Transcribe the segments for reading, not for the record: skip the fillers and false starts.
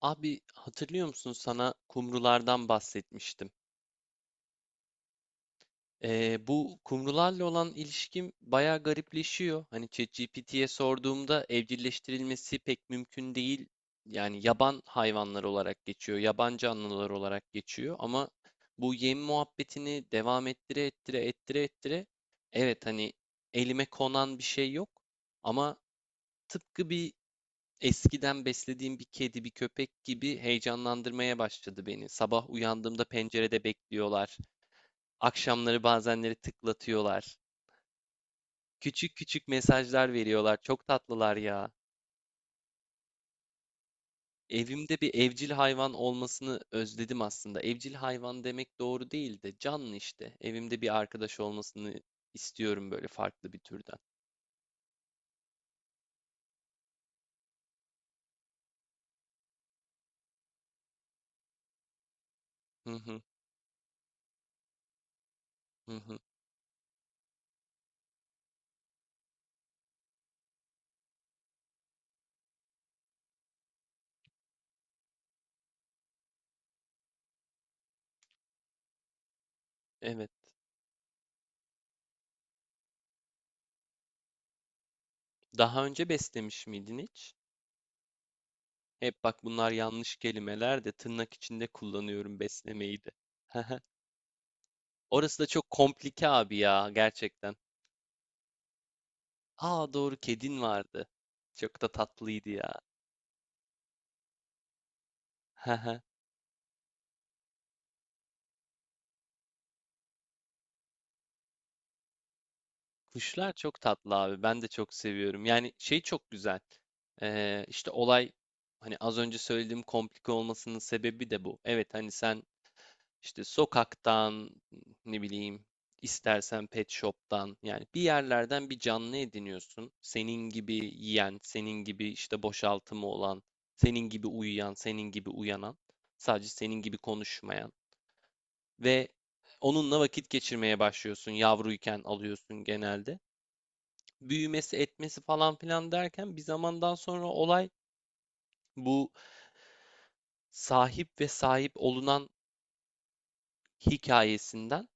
Abi, hatırlıyor musun, sana kumrulardan bahsetmiştim? Bu kumrularla olan ilişkim bayağı garipleşiyor. Hani ChatGPT'ye sorduğumda evcilleştirilmesi pek mümkün değil. Yani yaban hayvanlar olarak geçiyor, yaban canlılar olarak geçiyor. Ama bu yem muhabbetini devam ettire ettire ettire ettire. Evet, hani elime konan bir şey yok. Ama tıpkı bir Eskiden beslediğim bir kedi, bir köpek gibi heyecanlandırmaya başladı beni. Sabah uyandığımda pencerede bekliyorlar. Akşamları bazenleri tıklatıyorlar. Küçük küçük mesajlar veriyorlar. Çok tatlılar ya. Evimde bir evcil hayvan olmasını özledim aslında. Evcil hayvan demek doğru değil de canlı işte. Evimde bir arkadaş olmasını istiyorum, böyle farklı bir türden. Hı hı, hı hı. Evet. Daha önce beslemiş miydin hiç? Hep bak, bunlar yanlış kelimeler de, tırnak içinde kullanıyorum beslemeyi de. Orası da çok komplike abi ya, gerçekten. Aa, doğru, kedin vardı. Çok da tatlıydı ya. Kuşlar çok tatlı abi. Ben de çok seviyorum. Yani şey çok güzel. İşte olay, hani az önce söylediğim komplike olmasının sebebi de bu. Evet, hani sen İşte sokaktan, ne bileyim, istersen pet shop'tan, yani bir yerlerden bir canlı ediniyorsun. Senin gibi yiyen, senin gibi işte boşaltımı olan, senin gibi uyuyan, senin gibi uyanan, sadece senin gibi konuşmayan ve onunla vakit geçirmeye başlıyorsun. Yavruyken alıyorsun genelde. Büyümesi, etmesi falan filan derken bir zamandan sonra olay bu sahip ve sahip olunan hikayesinden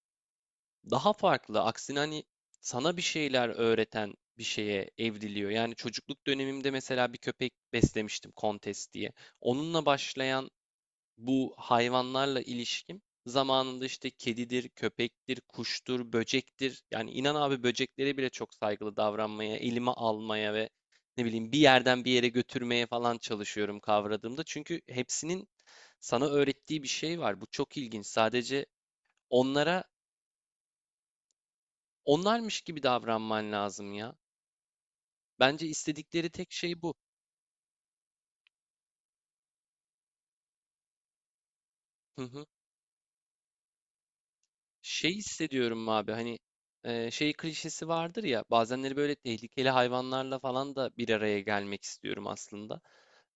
daha farklı. Aksine hani sana bir şeyler öğreten bir şeye evriliyor. Yani çocukluk dönemimde mesela bir köpek beslemiştim, Kontes diye. Onunla başlayan bu hayvanlarla ilişkim zamanında işte kedidir, köpektir, kuştur, böcektir. Yani inan abi, böceklere bile çok saygılı davranmaya, elime almaya ve ne bileyim bir yerden bir yere götürmeye falan çalışıyorum kavradığımda. Çünkü hepsinin sana öğrettiği bir şey var. Bu çok ilginç. Sadece onlara onlarmış gibi davranman lazım ya. Bence istedikleri tek şey bu. Şey hissediyorum abi, hani şey klişesi vardır ya, bazenleri böyle tehlikeli hayvanlarla falan da bir araya gelmek istiyorum aslında.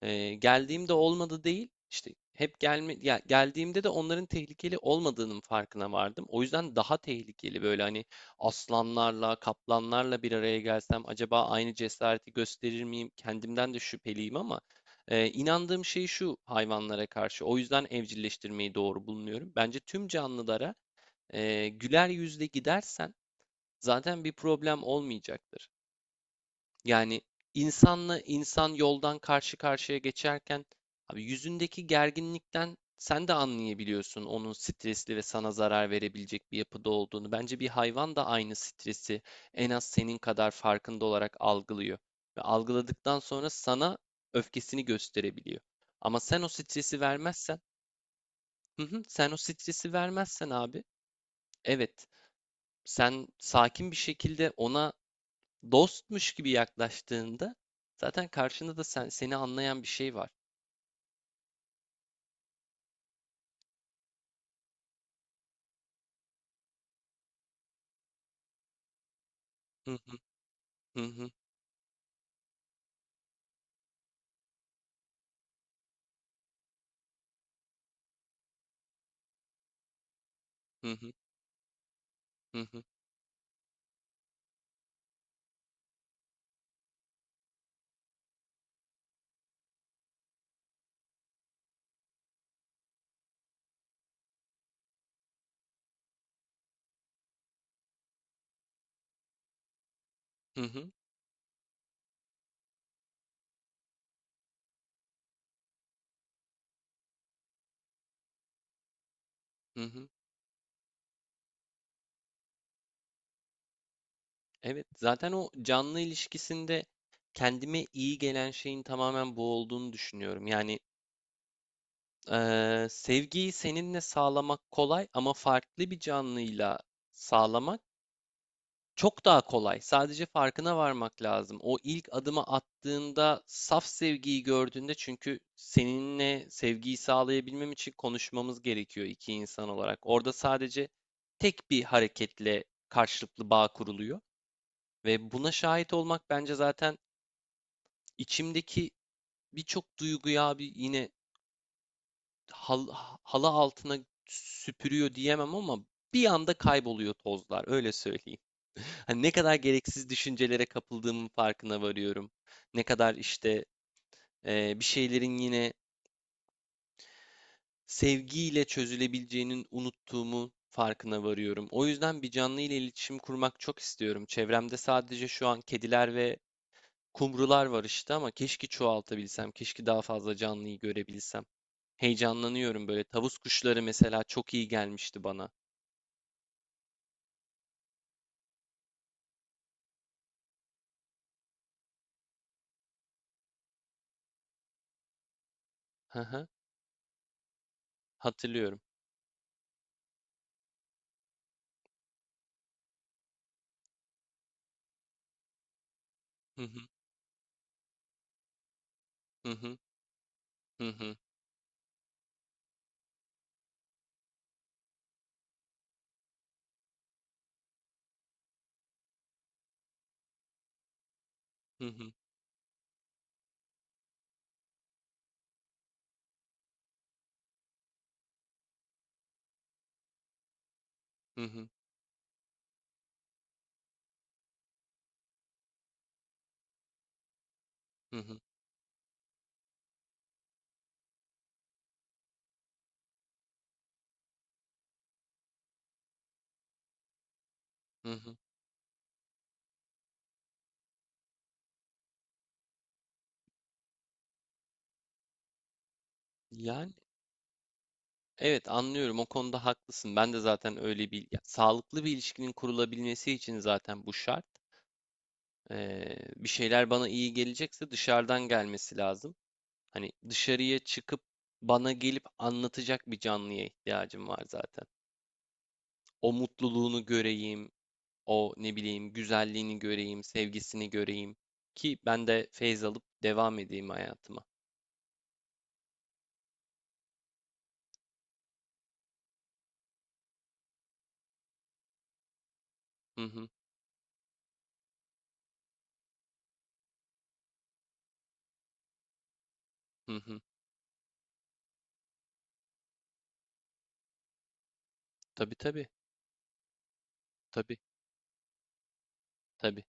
Geldiğimde olmadı değil, işte hep gelme ya, geldiğimde de onların tehlikeli olmadığının farkına vardım. O yüzden daha tehlikeli, böyle hani aslanlarla, kaplanlarla bir araya gelsem acaba aynı cesareti gösterir miyim? Kendimden de şüpheliyim ama inandığım şey şu hayvanlara karşı. O yüzden evcilleştirmeyi doğru bulunuyorum. Bence tüm canlılara güler yüzle gidersen zaten bir problem olmayacaktır. Yani insanla insan yoldan karşı karşıya geçerken abi, yüzündeki gerginlikten sen de anlayabiliyorsun onun stresli ve sana zarar verebilecek bir yapıda olduğunu. Bence bir hayvan da aynı stresi en az senin kadar farkında olarak algılıyor ve algıladıktan sonra sana öfkesini gösterebiliyor. Ama sen o stresi vermezsen, hı hı, sen o stresi vermezsen abi, evet, sen sakin bir şekilde ona dostmuş gibi yaklaştığında zaten karşında da sen seni anlayan bir şey var. Hı hı, hı hı, hı hı, hı hı, hı hı, hı hı. Evet, zaten o canlı ilişkisinde kendime iyi gelen şeyin tamamen bu olduğunu düşünüyorum. Yani sevgiyi seninle sağlamak kolay ama farklı bir canlıyla sağlamak çok daha kolay. Sadece farkına varmak lazım. O ilk adımı attığında, saf sevgiyi gördüğünde, çünkü seninle sevgiyi sağlayabilmem için konuşmamız gerekiyor iki insan olarak. Orada sadece tek bir hareketle karşılıklı bağ kuruluyor ve buna şahit olmak bence zaten içimdeki birçok duyguyu abi, yine hal- halı altına süpürüyor diyemem ama bir anda kayboluyor tozlar, öyle söyleyeyim. Hani ne kadar gereksiz düşüncelere kapıldığımın farkına varıyorum. Ne kadar işte bir şeylerin yine sevgiyle çözülebileceğinin unuttuğumu farkına varıyorum. O yüzden bir canlı ile iletişim kurmak çok istiyorum. Çevremde sadece şu an kediler ve kumrular var işte, ama keşke çoğaltabilsem, keşke daha fazla canlıyı görebilsem. Heyecanlanıyorum böyle. Tavus kuşları mesela çok iyi gelmişti bana. Hı hı, hatırlıyorum. Hı hı, hı hı, hı hı, hı hı, hı hı, hı hı, hı hı. Yani. Evet, anlıyorum, o konuda haklısın. Ben de zaten öyle, bir ya, sağlıklı bir ilişkinin kurulabilmesi için zaten bu şart. Bir şeyler bana iyi gelecekse dışarıdan gelmesi lazım. Hani dışarıya çıkıp bana gelip anlatacak bir canlıya ihtiyacım var zaten. O mutluluğunu göreyim, o ne bileyim güzelliğini göreyim, sevgisini göreyim ki ben de feyz alıp devam edeyim hayatıma. Hı hı, hı hı. Tabii, tabii, tabii, tabii.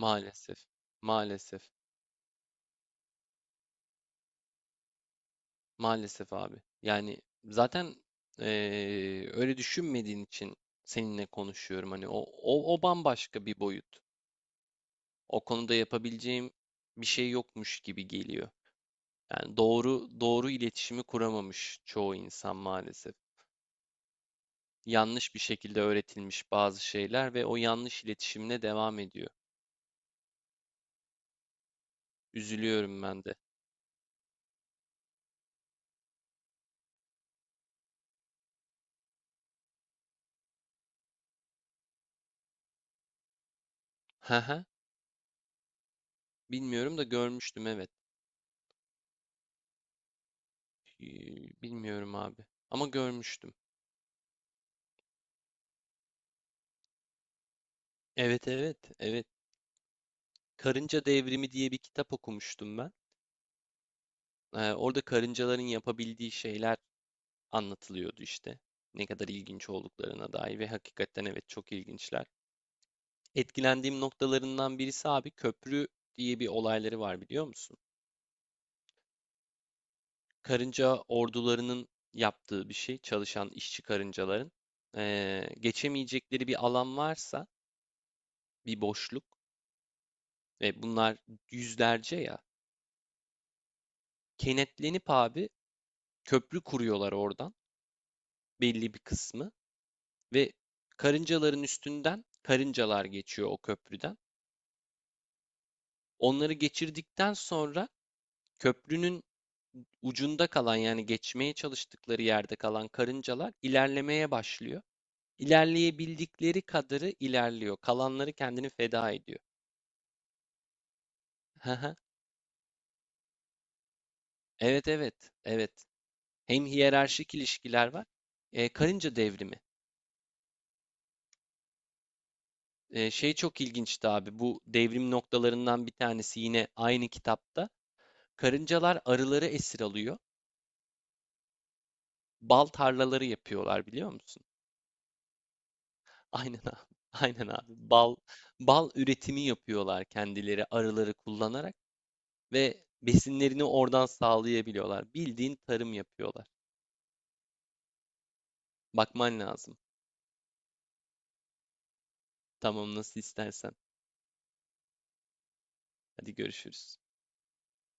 Maalesef, maalesef. Maalesef abi. Yani zaten öyle düşünmediğin için seninle konuşuyorum. Hani o bambaşka bir boyut. O konuda yapabileceğim bir şey yokmuş gibi geliyor. Yani doğru doğru iletişimi kuramamış çoğu insan maalesef. Yanlış bir şekilde öğretilmiş bazı şeyler ve o yanlış iletişimle devam ediyor. Üzülüyorum ben de. Haha, bilmiyorum da görmüştüm, evet. Ee, Bilmiyorum abi. Ama görmüştüm. Evet, evet, evet. Karınca Devrimi diye bir kitap okumuştum ben. Orada karıncaların yapabildiği şeyler anlatılıyordu işte. Ne kadar ilginç olduklarına dair, ve hakikaten evet, çok ilginçler. Etkilendiğim noktalarından birisi abi, köprü diye bir olayları var, biliyor musun? Karınca ordularının yaptığı bir şey, çalışan işçi karıncaların. Geçemeyecekleri bir alan varsa, bir boşluk, ve bunlar yüzlerce ya, kenetlenip abi köprü kuruyorlar oradan, belli bir kısmı. Ve karıncaların üstünden karıncalar geçiyor o köprüden. Onları geçirdikten sonra köprünün ucunda kalan, yani geçmeye çalıştıkları yerde kalan karıncalar ilerlemeye başlıyor. İlerleyebildikleri kadarı ilerliyor. Kalanları kendini feda ediyor. Evet, evet, evet. Hem hiyerarşik ilişkiler var. Karınca devrimi. Şey çok ilginçti abi. Bu devrim noktalarından bir tanesi yine aynı kitapta. Karıncalar arıları esir alıyor. Bal tarlaları yapıyorlar, biliyor musun? Aynen abi. Aynen abi. Bal üretimi yapıyorlar, kendileri arıları kullanarak, ve besinlerini oradan sağlayabiliyorlar. Bildiğin tarım yapıyorlar. Bakman lazım. Tamam, nasıl istersen. Hadi görüşürüz.